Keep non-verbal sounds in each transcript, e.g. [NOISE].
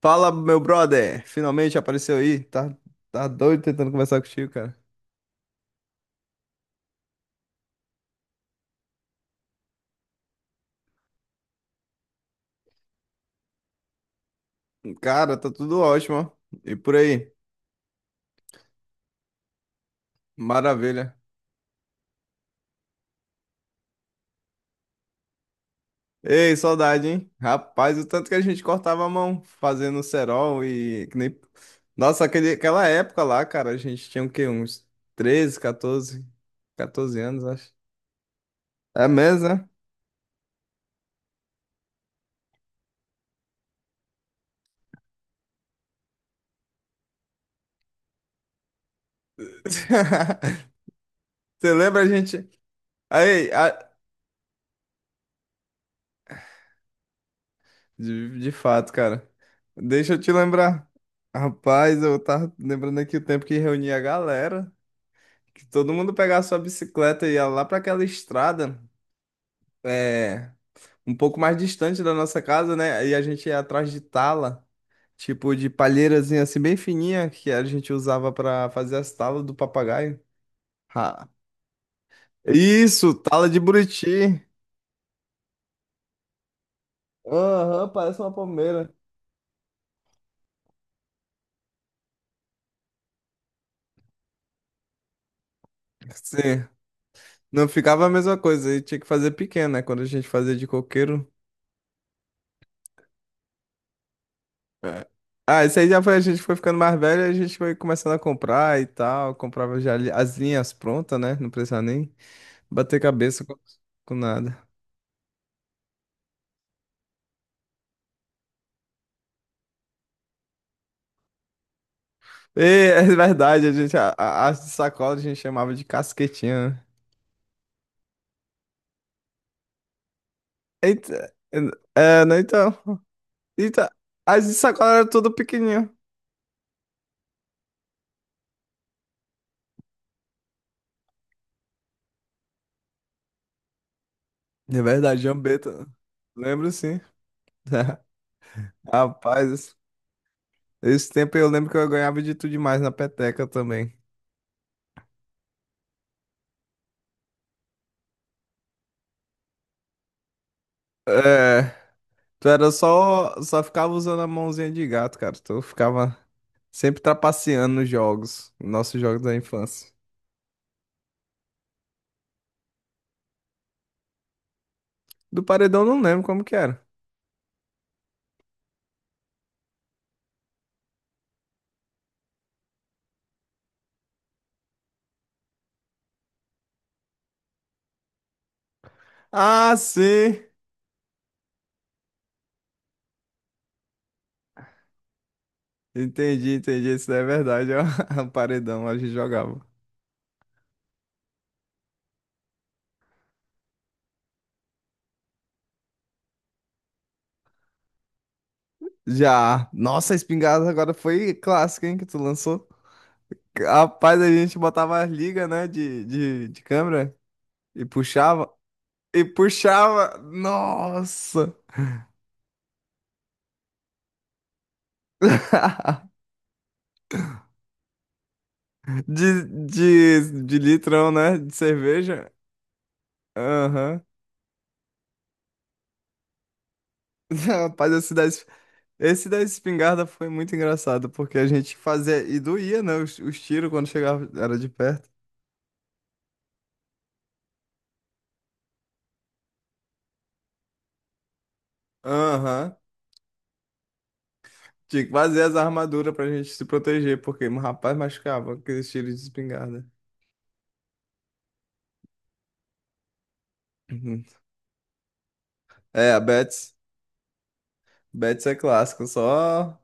Fala, meu brother! Finalmente apareceu aí. Tá, tá doido tentando conversar contigo, cara. Cara, tá tudo ótimo, ó. E por aí? Maravilha. Ei, saudade, hein? Rapaz, o tanto que a gente cortava a mão fazendo cerol e que nem... Nossa, aquela época lá, cara, a gente tinha o quê? Uns 13, 14, 14 anos, acho. É mesmo, né? [LAUGHS] Você lembra a gente? Aí, a, de fato, cara. Deixa eu te lembrar. Rapaz, eu tava lembrando aqui o tempo que reunia a galera, que todo mundo pegava sua bicicleta e ia lá pra aquela estrada, é, um pouco mais distante da nossa casa, né? E a gente ia atrás de tala, tipo de palheirazinha assim bem fininha, que a gente usava pra fazer as talas do papagaio. Ah, isso, tala de buriti. Aham, parece uma palmeira. Sim. Não ficava a mesma coisa, e tinha que fazer pequeno, né? Quando a gente fazia de coqueiro. É. Ah, isso aí já foi, a gente foi ficando mais velho, a gente foi começando a comprar e tal, comprava já as linhas prontas, né? Não precisava nem bater cabeça com nada. E, é verdade, a gente, as de sacola a gente chamava de casquetinha, né? Eita, né, então, eita, as de sacola eram tudo pequenininho. É verdade, jambeta. Lembro sim. [LAUGHS] Rapaz, esse tempo eu lembro que eu ganhava de tudo demais na peteca também. É. Tu era só ficava usando a mãozinha de gato, cara. Tu ficava sempre trapaceando nos nossos jogos da infância. Do paredão eu não lembro como que era. Ah, sim! Entendi, entendi. Isso daí é verdade, ó. [LAUGHS] O paredão a gente jogava. Já. Nossa, a espingarda agora foi clássica, hein, que tu lançou. Rapaz, a gente botava as ligas, né, de câmera e puxava. E puxava. Nossa! [LAUGHS] De litrão, né? De cerveja. Aham. [LAUGHS] Rapaz, esse da espingarda foi muito engraçado, porque a gente fazia e doía, né? Os tiros quando chegava, era de perto. Aham. Tinha que fazer as armaduras pra gente se proteger, porque o rapaz machucava com aqueles tiros de espingarda. Uhum. É, a Betts. Betts é clássico, só.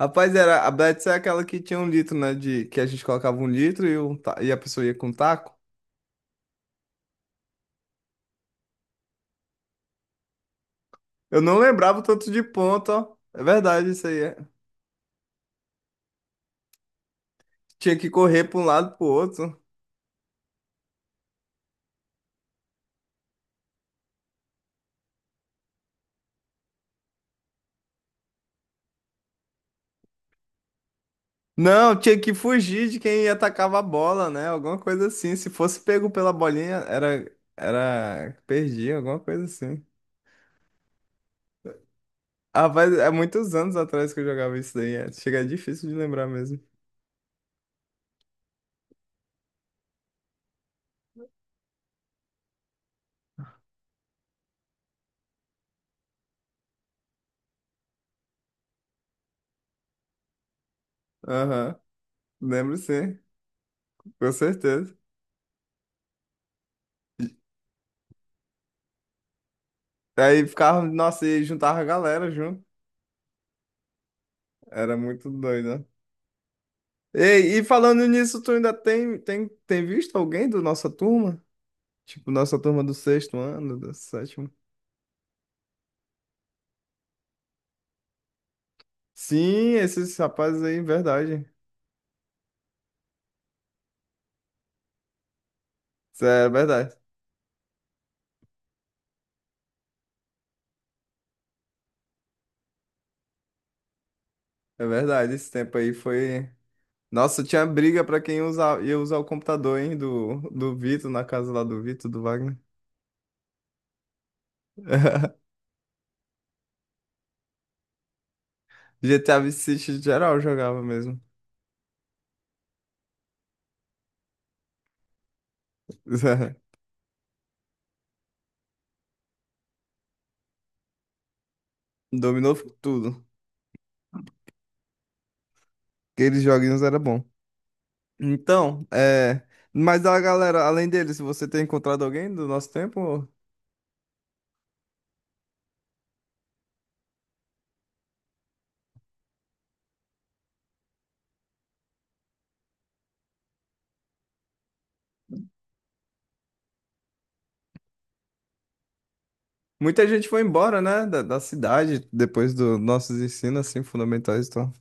Rapaz, a Betts é aquela que tinha um litro, né? De, que a gente colocava um litro, e a pessoa ia com um taco. Eu não lembrava o tanto de ponto, ó. É verdade isso aí. É. Tinha que correr para um lado pro outro. Não, tinha que fugir de quem atacava a bola, né? Alguma coisa assim. Se fosse pego pela bolinha, era perdi, alguma coisa assim. Ah, faz é muitos anos atrás que eu jogava isso daí. É. Chega é difícil de lembrar mesmo. Aham. Lembro sim, com certeza. Aí ficava, nossa, e juntava a galera junto. Era muito doido, né? E falando nisso, tu ainda tem visto alguém da nossa turma? Tipo, nossa turma do sexto ano, do sétimo. Sim, esses rapazes aí, verdade. Isso é verdade. É verdade, esse tempo aí foi. Nossa, tinha briga pra quem usar, ia usar o computador, hein, do Vitor, na casa lá do Vitor, do Wagner. [LAUGHS] GTA Vice City geral jogava mesmo. [LAUGHS] Dominou tudo. Aqueles joguinhos era bom. Então, é. Mas a galera, além deles, você tem encontrado alguém do nosso tempo? Muita gente foi embora, né, da cidade depois dos nossos ensinos, assim, fundamentais e tal.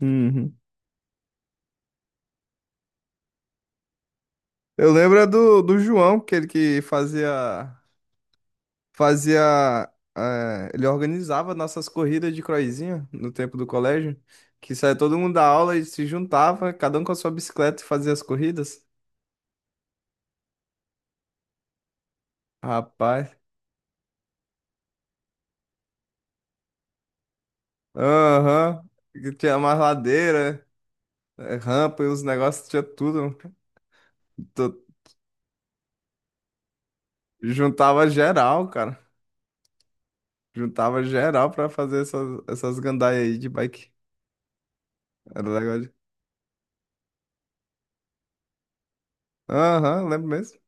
Uhum. Eu lembro é do João, que ele que fazia, fazia, ele organizava nossas corridas de croizinha no tempo do colégio, que saía todo mundo da aula e se juntava, cada um com a sua bicicleta e fazia as corridas. Rapaz, aham, que tinha mais ladeira, rampa e uns negócios, tinha tudo. Tu- Juntava geral, cara. Juntava geral pra fazer essas gandaias aí de bike. Era legal de... Aham, lembro mesmo.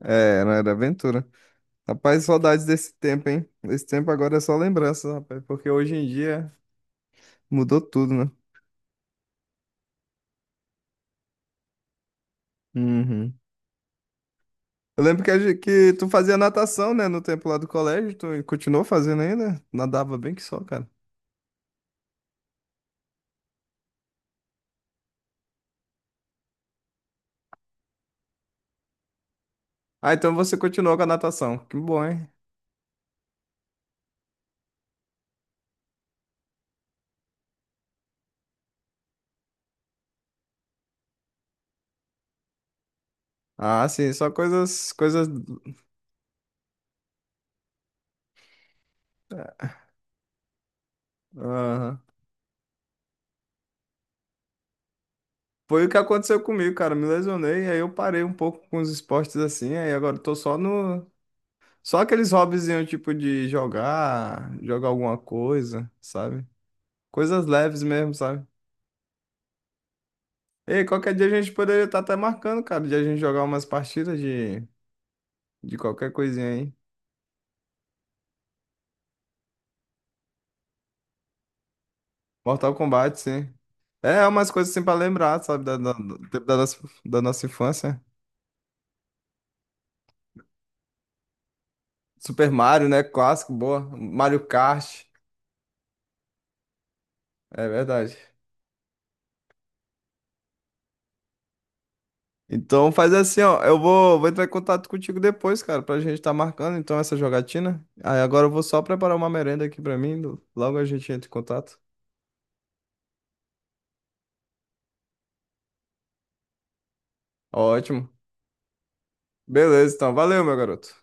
É, era aventura. Rapaz, saudades desse tempo, hein? Esse tempo agora é só lembrança, rapaz. Porque hoje em dia mudou tudo, né? Uhum. Eu lembro que tu fazia natação, né? No tempo lá do colégio. Tu continuou fazendo ainda? Nadava bem que só, cara. Ah, então você continuou com a natação. Que bom, hein? Ah, sim. Só coisas... Coisas... Aham. Foi o que aconteceu comigo, cara. Me lesionei, aí eu parei um pouco com os esportes assim, aí agora eu tô só no. Só aqueles hobbyzinhos, tipo, de jogar, jogar alguma coisa, sabe? Coisas leves mesmo, sabe? Ei, qualquer dia a gente poderia estar até marcando, cara, de a gente jogar umas partidas de qualquer coisinha aí. Mortal Kombat, sim. É, umas coisas assim pra lembrar, sabe? Do tempo da nossa infância. Super Mario, né? Clássico, boa. Mario Kart. É verdade. Então faz assim, ó. Eu vou entrar em contato contigo depois, cara, pra gente tá marcando então essa jogatina. Aí agora eu vou só preparar uma merenda aqui pra mim. Logo a gente entra em contato. Ótimo. Beleza, então. Valeu, meu garoto.